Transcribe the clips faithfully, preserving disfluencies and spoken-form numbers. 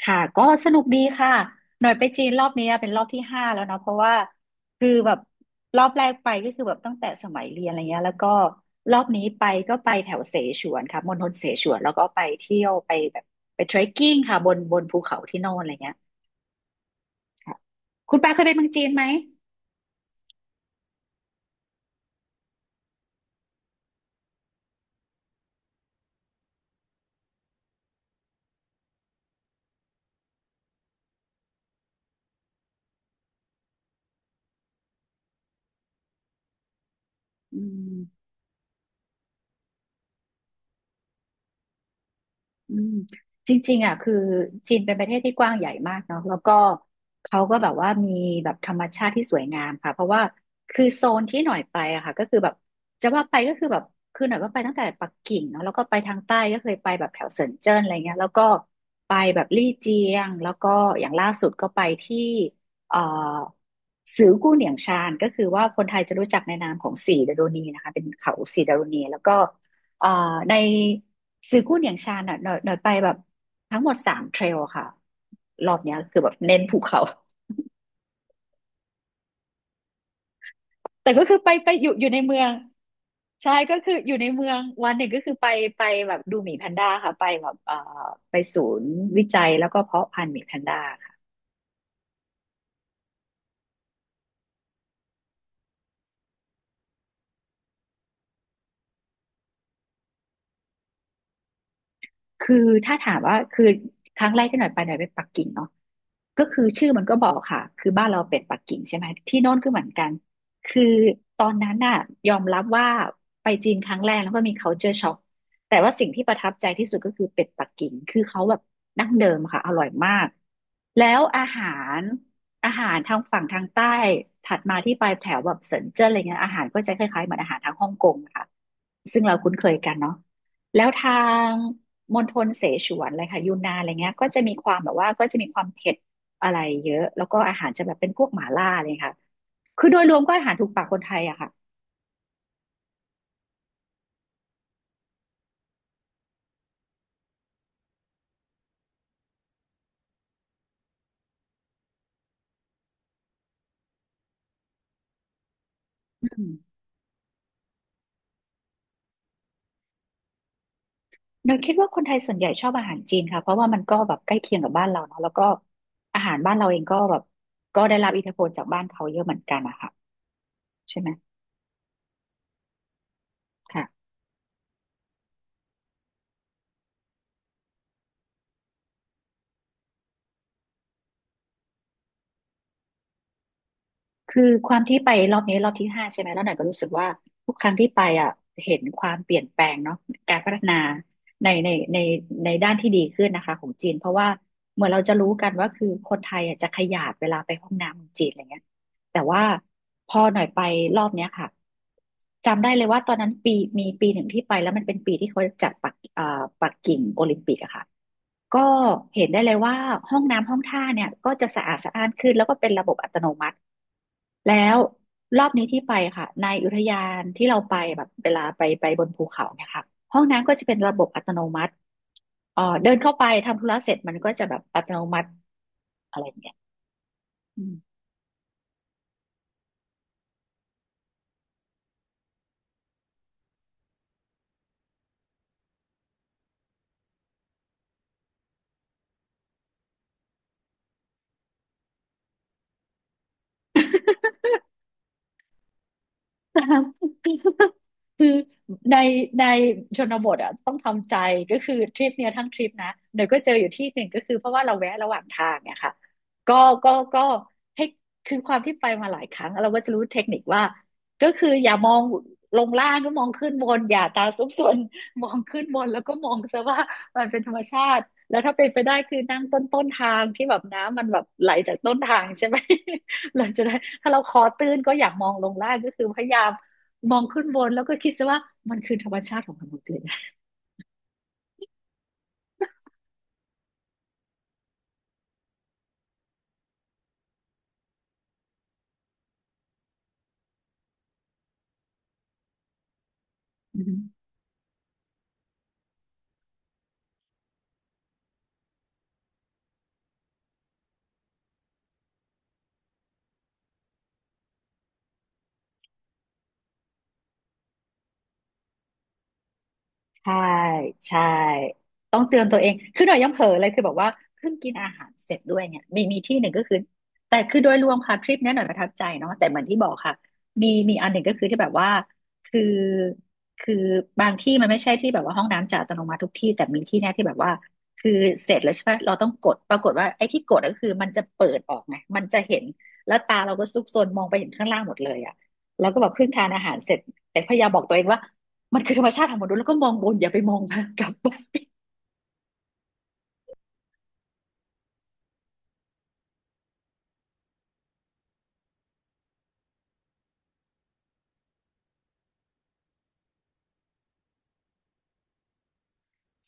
ค่ะก็สนุกดีค่ะหน่อยไปจีนรอบนี้เป็นรอบที่ห้าแล้วเนาะเพราะว่าคือแบบรอบแรกไปก็คือแบบตั้งแต่สมัยเรียนอะไรเงี้ยแล้วก็รอบนี้ไปก็ไปแถวเสฉวนค่ะมณฑลเสฉวนแล้วก็ไปเที่ยวไปแบบไปเทรคกิ้งค่ะบนบนภูเขาที่โน่นอะไรเงี้ยค่ะคุณปาเคยไปเมืองจีนไหมอืม อืมจริงๆอ่ะคือจีนเป็นประเทศที่กว้างใหญ่มากเนาะแล้วก็เขาก็แบบว่ามีแบบธรรมชาติที่สวยงามค่ะเพราะว่าคือโซนที่หน่อยไปอะค่ะก็คือแบบจะว่าไปก็คือแบบคือหน่อยก็ไปตั้งแต่ปักกิ่งเนาะแล้วก็ไปทางใต้ก็เคยไปแบบแถวเซินเจิ้นอะไรเงี้ยแล้วก็ไปแบบลี่เจียงแล้วก็อย่างล่าสุดก็ไปที่เอ่อซือกู้เหนียงชานก็คือว่าคนไทยจะรู้จักในนามของสีดารุณีนะคะเป็นเขาสีดารุณีแล้วก็ เอ่อในซื้อกุ้นอย่างชาญอ่ะหน่อยหน่อยไปแบบทั้งหมดสามเทรลค่ะรอบเนี้ยคือแบบเน้นภูเขา แต่ก็คือไปไปอยู่อยู่ในเมืองใช่ก็คืออยู่ในเมืองวันหนึ่งก็คือไปไปแบบดูหมีแพนด้าค่ะไปแบบเอ่อไปศูนย์วิจัยแล้วก็เพาะพันธุ์หมีแพนด้า คือถ้าถามว่าคือครั้งแรกที่หน่อยไปหน่อยไปปักกิ่งเนาะก็คือชื่อมันก็บอกค่ะคือบ้านเราเป็นปักกิ่งใช่ไหมที่โน่นก็เหมือนกันคือตอนนั้นน่ะยอมรับว่าไปจีนครั้งแรกแล้วก็มี culture shock แต่ว่าสิ่งที่ประทับใจที่สุดก็คือเป็ดปักกิ่งคือเขาแบบดั้งเดิมค่ะอร่อยมากแล้วอาหารอาหารทางฝั่งทางใต้ถัดมาที่ปลายแถวแบบเซินเจิ้นอะไรเงี้ยอาหารก็จะคล้ายๆเหมือนอาหารทางฮ่องกงอะค่ะซึ่งเราคุ้นเคยกันเนาะ แล้วทางมณฑลเสฉวนอะไรค่ะยูนนานอะไรเงี้ยก็จะมีความแบบว่าก็จะมีความเผ็ดอะไรเยอะแล้วก็อาหารจะแบบเป็นพวกหม่าล่าเลยค่ะคือโดยรวมก็อาหารถูกปากคนไทยอะค่ะอืมเราคิดว่าคนไทยส่วนใหญ่ชอบอาหารจีนค่ะเพราะว่ามันก็แบบใกล้เคียงกับบ้านเราเนาะแล้วก็อาหารบ้านเราเองก็แบบก็ได้รับอิทธิพลจากบ้านเขาเยอะเหมือนกันอะค่ะใช่ไหมค่ะ คือความที่ไปรอบนี้รอบที่ห้าใช่ไหมแล้วหน่อยก็รู้สึกว่าทุกครั้งที่ไปอ่ะเห็นความเปลี่ยนแปลงเนาะการพัฒนาในในในในด้านที่ดีขึ้นนะคะของจีนเพราะว่าเหมือนเราจะรู้กันว่าคือคนไทยอ่ะจะขยาดเวลาไปห้องน้ำของจีนอะไรเงี้ย แต่ว่าพอหน่อยไปรอบเนี้ยค่ะจำได้เลยว่าตอนนั้นปีมีปีหนึ่งที่ไปแล้วมันเป็นปีที่เขาจัดปักอ่าปักกิ่งโอลิมปิกอะค่ะก็เห็นได้เลยว่าห้องน้ำห้องท่าเนี่ยก็จะสะอาดสะอ้านขึ้นแล้วก็เป็นระบบอัตโนมัติแล้วรอบนี้ที่ไปค่ะในอุทยานที่เราไปแบบเวลาไปไปบนภูเขาเนี่ยค่ะห้องน้ำก็จะเป็นระบบอัตโนมัติเอ่อเดินเข้าไปทำธุระเสร็จมันก็จะแบบอัตโนมัติอะไรอย่างเงี้ยอืม คือในในชนบทอ่ะต้องทำใจก็คือทริปเนี้ยทั้งทริปนะเดี๋ยวก็เจออยู่ที่หนึ่งก็คือเพราะว่าเราแวะระหว่างทางเนี่ยค่ะก็ก็ก็ให้คือความที่ไปมาหลายครั้งเราก็จะรู้เทคนิคว่าก็คืออย่ามองลงล่างก็มองขึ้นบนอย่าตาซุกซน มองขึ้นบนแล้วก็มองซะว่ามันเป็นธรรมชาติแล้วถ้าเป็นไปได้คือนั่งต้นต้นทางที่แบบน้ำมันแบบไหลจากต้นทางใช่ไหม เราจะได้ถ้าเราคอตื้นก็อยากมองลงล่างก็คือพยายาม มองขึ้นบนแล้วก็คิดซะว่ามันคือธรรมชาติของมนุษย์เลยนะ ใช่ใช่ต้องเตือนตัวเองคือหน่อยยังเผลอเลยคือแบบว่าเพิ่งกินอาหารเสร็จด้วยเนี่ยมีมีที่หนึ่งก็คือแต่คือโดยรวมค่ะทริปเนี้ยหน่อยประทับใจเนาะแต่เหมือนที่บอกค่ะมีมีอันหนึ่งก็คือที่แบบว่าคือคือบางที่มันไม่ใช่ที่แบบว่าห้องน้ำจะอัตโนมัติทุกที่แต่มีที่เนี้ยที่แบบว่าคือเสร็จแล้วใช่ไหมเราต้องกดปรากฏว่าไอ้ที่กดก็คือมันจะเปิดออกไงมันจะเห็นแล้วตาเราก็ซุกซนมองไปเห็นข้างล่างหมดเลยอะแล้วก็แบบเพิ่งทานอาหารเสร็จแต่พยายามบอกตัวเองว่า มันคือธรรมชาติของมนุษย์แล้วก็มองบนอย่าไปมองนะกลับ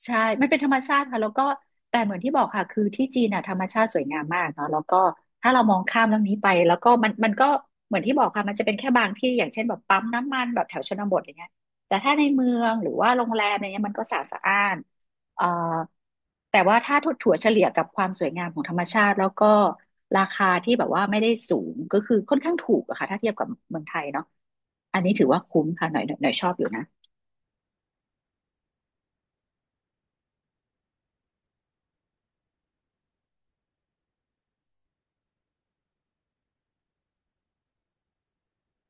ใช่มันเป็นธรรมชาติค่ะแล้วก็แต่เหมือนที่บอกค่ะคือที่จีนน่ะธรรมชาติสวยงามมากเนาะแล้วก็ถ้าเรามองข้ามเรื่องนี้ไปแล้วก็มันมันก็เหมือนที่บอกค่ะมันจะเป็นแค่บางที่อย่างเช่นแบบปั๊มน้ำมันแบบแถวชนบทอย่างเงี้ยแต่ถ้าในเมืองหรือว่าโรงแรมอะไรเงี้ยมันก็สะอาดสะอ้านเอ่อแต่ว่าถ้าถั่วเฉลี่ยกับความสวยงามของธรรมชาติแล้วก็ราคาที่แบบว่าไม่ได้สูงก็คือค่อนข้างถูกอะค่ะถ้าเทียบกับเมืองไทยเนาะอันนี้ถือว่าคุ้มค่ะหน่อยหน่อยหน่อยชอบอยู่นะ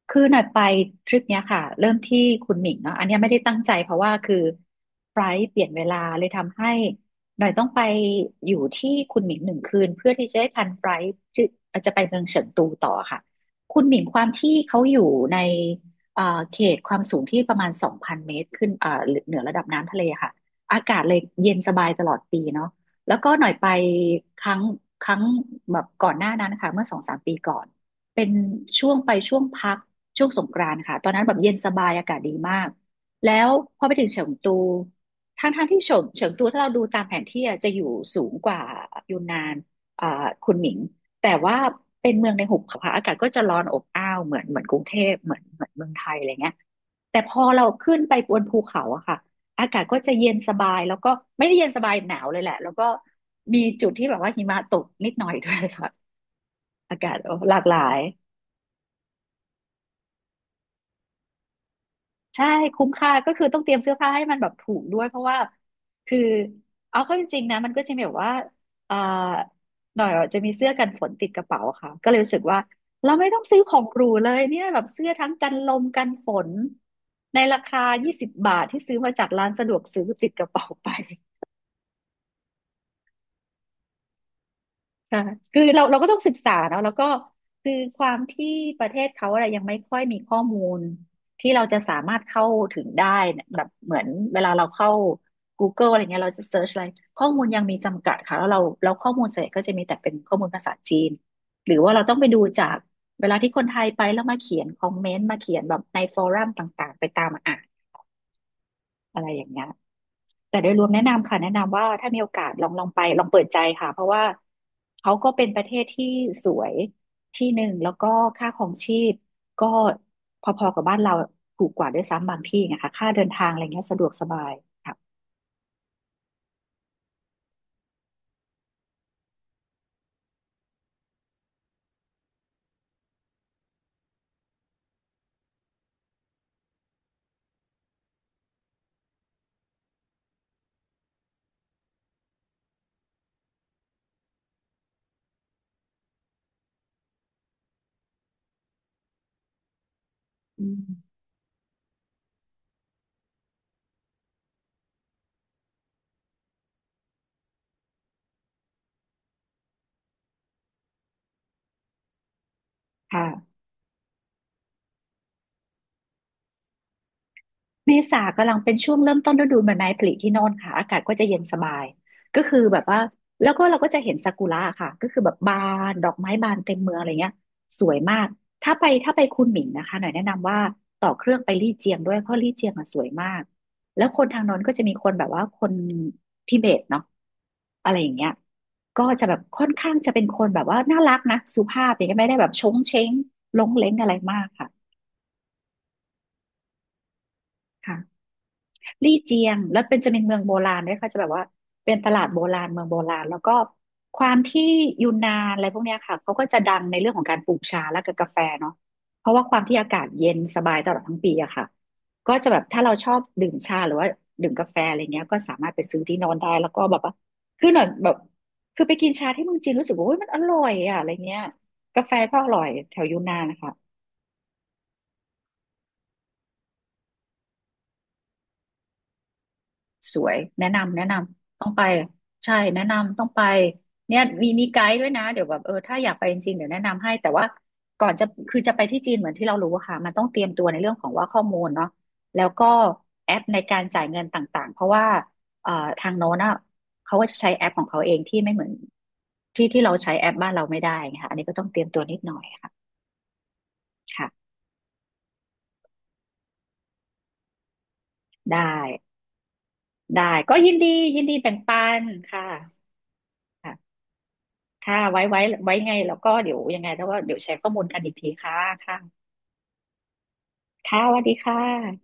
คือหน่อยไปทริปเนี้ยค่ะเริ่มที่คุณหมิงเนาะอันเนี้ยไม่ได้ตั้งใจเพราะว่าคือไฟลท์เปลี่ยนเวลาเลยทำให้หน่อยต้องไปอยู่ที่คุณหมิงหนึ่งคืนเพื่อที่จะได้ทันไฟลท์ที่จะไปเมืองเฉิงตูต่อค่ะคุณหมิงความที่เขาอยู่ในเอ่อเขตความสูงที่ประมาณสองพันเมตรขึ้นเอ่อเหนือระดับน้ำทะเลค่ะอากาศเลยเย็นสบายตลอดปีเนาะแล้วก็หน่อยไปครั้งครั้งแบบก่อนหน้านั้นนะคะเมื่อสองสามปีก่อนเป็นช่วงไปช่วงพัก ช่วงสงกรานต์ค่ะตอนนั้นแบบเย็นสบายอากาศดีมากแล้วพอไปถึงเฉิงตูทั้งทางที่เฉิงเฉิงตูถ้าเราดูตามแผนที่อะจะอยู่สูงกว่ายูนนานอ่าคุนหมิงแต่ว่าเป็นเมืองในหุบเขาค่ะอากาศก็จะร้อนอบอ้าวเหมือนเหมือนกรุงเทพเหมือนเหมือนเมืองไทยอะไรเงี้ยแต่พอเราขึ้นไปบนภูเขาอะค่ะอากาศก็จะเย็นสบายแล้วก็ไม่ได้เย็นสบายหนาวเลยแหละแล้วก็มีจุดที่แบบว่าหิมะตกนิดหน่อยด้วยค่ะอากาศหลากหลาย ใช่คุ้มค่าก็คือต้องเตรียมเสื้อผ้าให้มันแบบถูกด้วยเพราะว่าคือเอาเข้าจริงๆนะมันก็จะมีแบบว่าเอ่อหน่อยอะจะมีเสื้อกันฝนติดกระเป๋าะค่ะก็เลยรู้สึกว่าเราไม่ต้องซื้อของหรูเลยเนี่ยแบบเสื้อทั้งกันลมกันฝนในราคายี่สิบบาทที่ซื้อมาจากร้านสะดวกซื้อติดกระเป๋าไป ค่ะคือเราเราก็ต้องศึกษาเนอะแล้วก็คือความที่ประเทศเขาอะไรยังไม่ค่อยมีข้อมูลที่เราจะสามารถเข้าถึงได้เนี่ยแบบเหมือนเวลาเราเข้า Google อะไรเงี้ยเราจะเซิร์ชอะไรข้อมูลยังมีจำกัดค่ะแล้วเราแล้วข้อมูลส่วนใหญ่ก็จะมีแต่เป็นข้อมูลภาษาจีนหรือว่าเราต้องไปดูจากเวลาที่คนไทยไปแล้วมาเขียนคอมเมนต์มาเขียนแบบในฟอรัมต่างๆไปตามอ่านอะไรอย่างเงี้ย แต่โดยรวมแนะนำค่ะแนะนำว่าถ้ามีโอกาสลองลองไปลองเปิดใจค่ะเพราะว่าเขาก็เป็นประเทศที่สวยที่หนึ่งแล้วก็ค่าครองชีพก็พอๆกับบ้านเราถูกกว่าด้วยซ้ำบางที่นะคะค่าเดินทางอะไรเงี้ยสะดวกสบายค่ะอืมค่ะ เมษากำลังเป็นช่วงเริ่มต้นฤดูใบไม้ผลิที่โน่นค่ะอากาศก็จะเย็นสบายก็คือแบบว่าแล้วก็เราก็จะเห็นซากุระค่ะก็คือแบบบานดอกไม้บานเต็มเมืองอะไรเงี้ยสวยมากถ้าไปถ้าไปคุนหมิงนะคะหน่อยแนะนำว่าต่อเครื่องไปลี่เจียงด้วยเพราะลี่เจียงอ่ะสวยมากแล้วคนทางโน้นก็จะมีคนแบบว่าคนทิเบตเนาะอะไรอย่างเงี้ยก็จะแบบค่อนข้างจะเป็นคนแบบว่าน่ารักนะสุภาพอย่างเงี้ยไม่ได้แบบชงเช้งลงเล้งอะไรมากค่ะค่ะ ลี่เจียงแล้วเป็นจะเป็นเมืองโบราณด้วยค่ะจะแบบว่าเป็นตลาดโบราณเมืองโบราณแล้วก็ความที่ยูนนานอะไรพวกเนี้ยค่ะเขาก็จะดังในเรื่องของการปลูกชาและกับกาแฟเนาะเพราะว่าความที่อากาศเย็นสบายตลอดทั้งปีอะค่ะก็จะแบบถ้าเราชอบดื่มชาหรือว่าดื่มกาแฟอะไรเงี้ยก็สามารถไปซื้อที่โนอนได้แล้วก็แบบว่าคือหน่อยแบบคือไปกินชาที่เมืองจีนรู้สึกว่าโอ้ยมันอร่อยอะอะไรเงี้ยกาแฟก็อร่อยแถวยูนนานนะคะ สวยแนะนำแนะนำต้องไปใช่แนะนำต้องไปเนี่ยมีมีไกด์ด้วยนะเดี๋ยวแบบเออถ้าอยากไปจริงๆเดี๋ยวแนะนำให้แต่ว่าก่อนจะคือจะไปที่จีนเหมือนที่เรารู้อะค่ะมันต้องเตรียมตัวในเรื่องของว่าข้อมูลเนาะแล้วก็แอปในการจ่ายเงินต่างๆเพราะว่าเอ่อทางโน้นอะเขาก็จะใช้แอปของเขาเองที่ไม่เหมือนที่ที่เราใช้แอปบ้านเราไม่ได้นะค่ะอันนี้ก็ต้องเตรียมตัวนิดหน่อยค่ะค่ะได้ได้ก็ยินดียินดีแบ่งปันค่ะค่ะ ค่ะไว้ไว้ไว้ไง แล้วก็เดี๋ยวยังไงแล้วก็เดี๋ยวแชร์ข้อมูลกันอีกทีค่ะ ค่ะค่ะสวัสดีค่ะ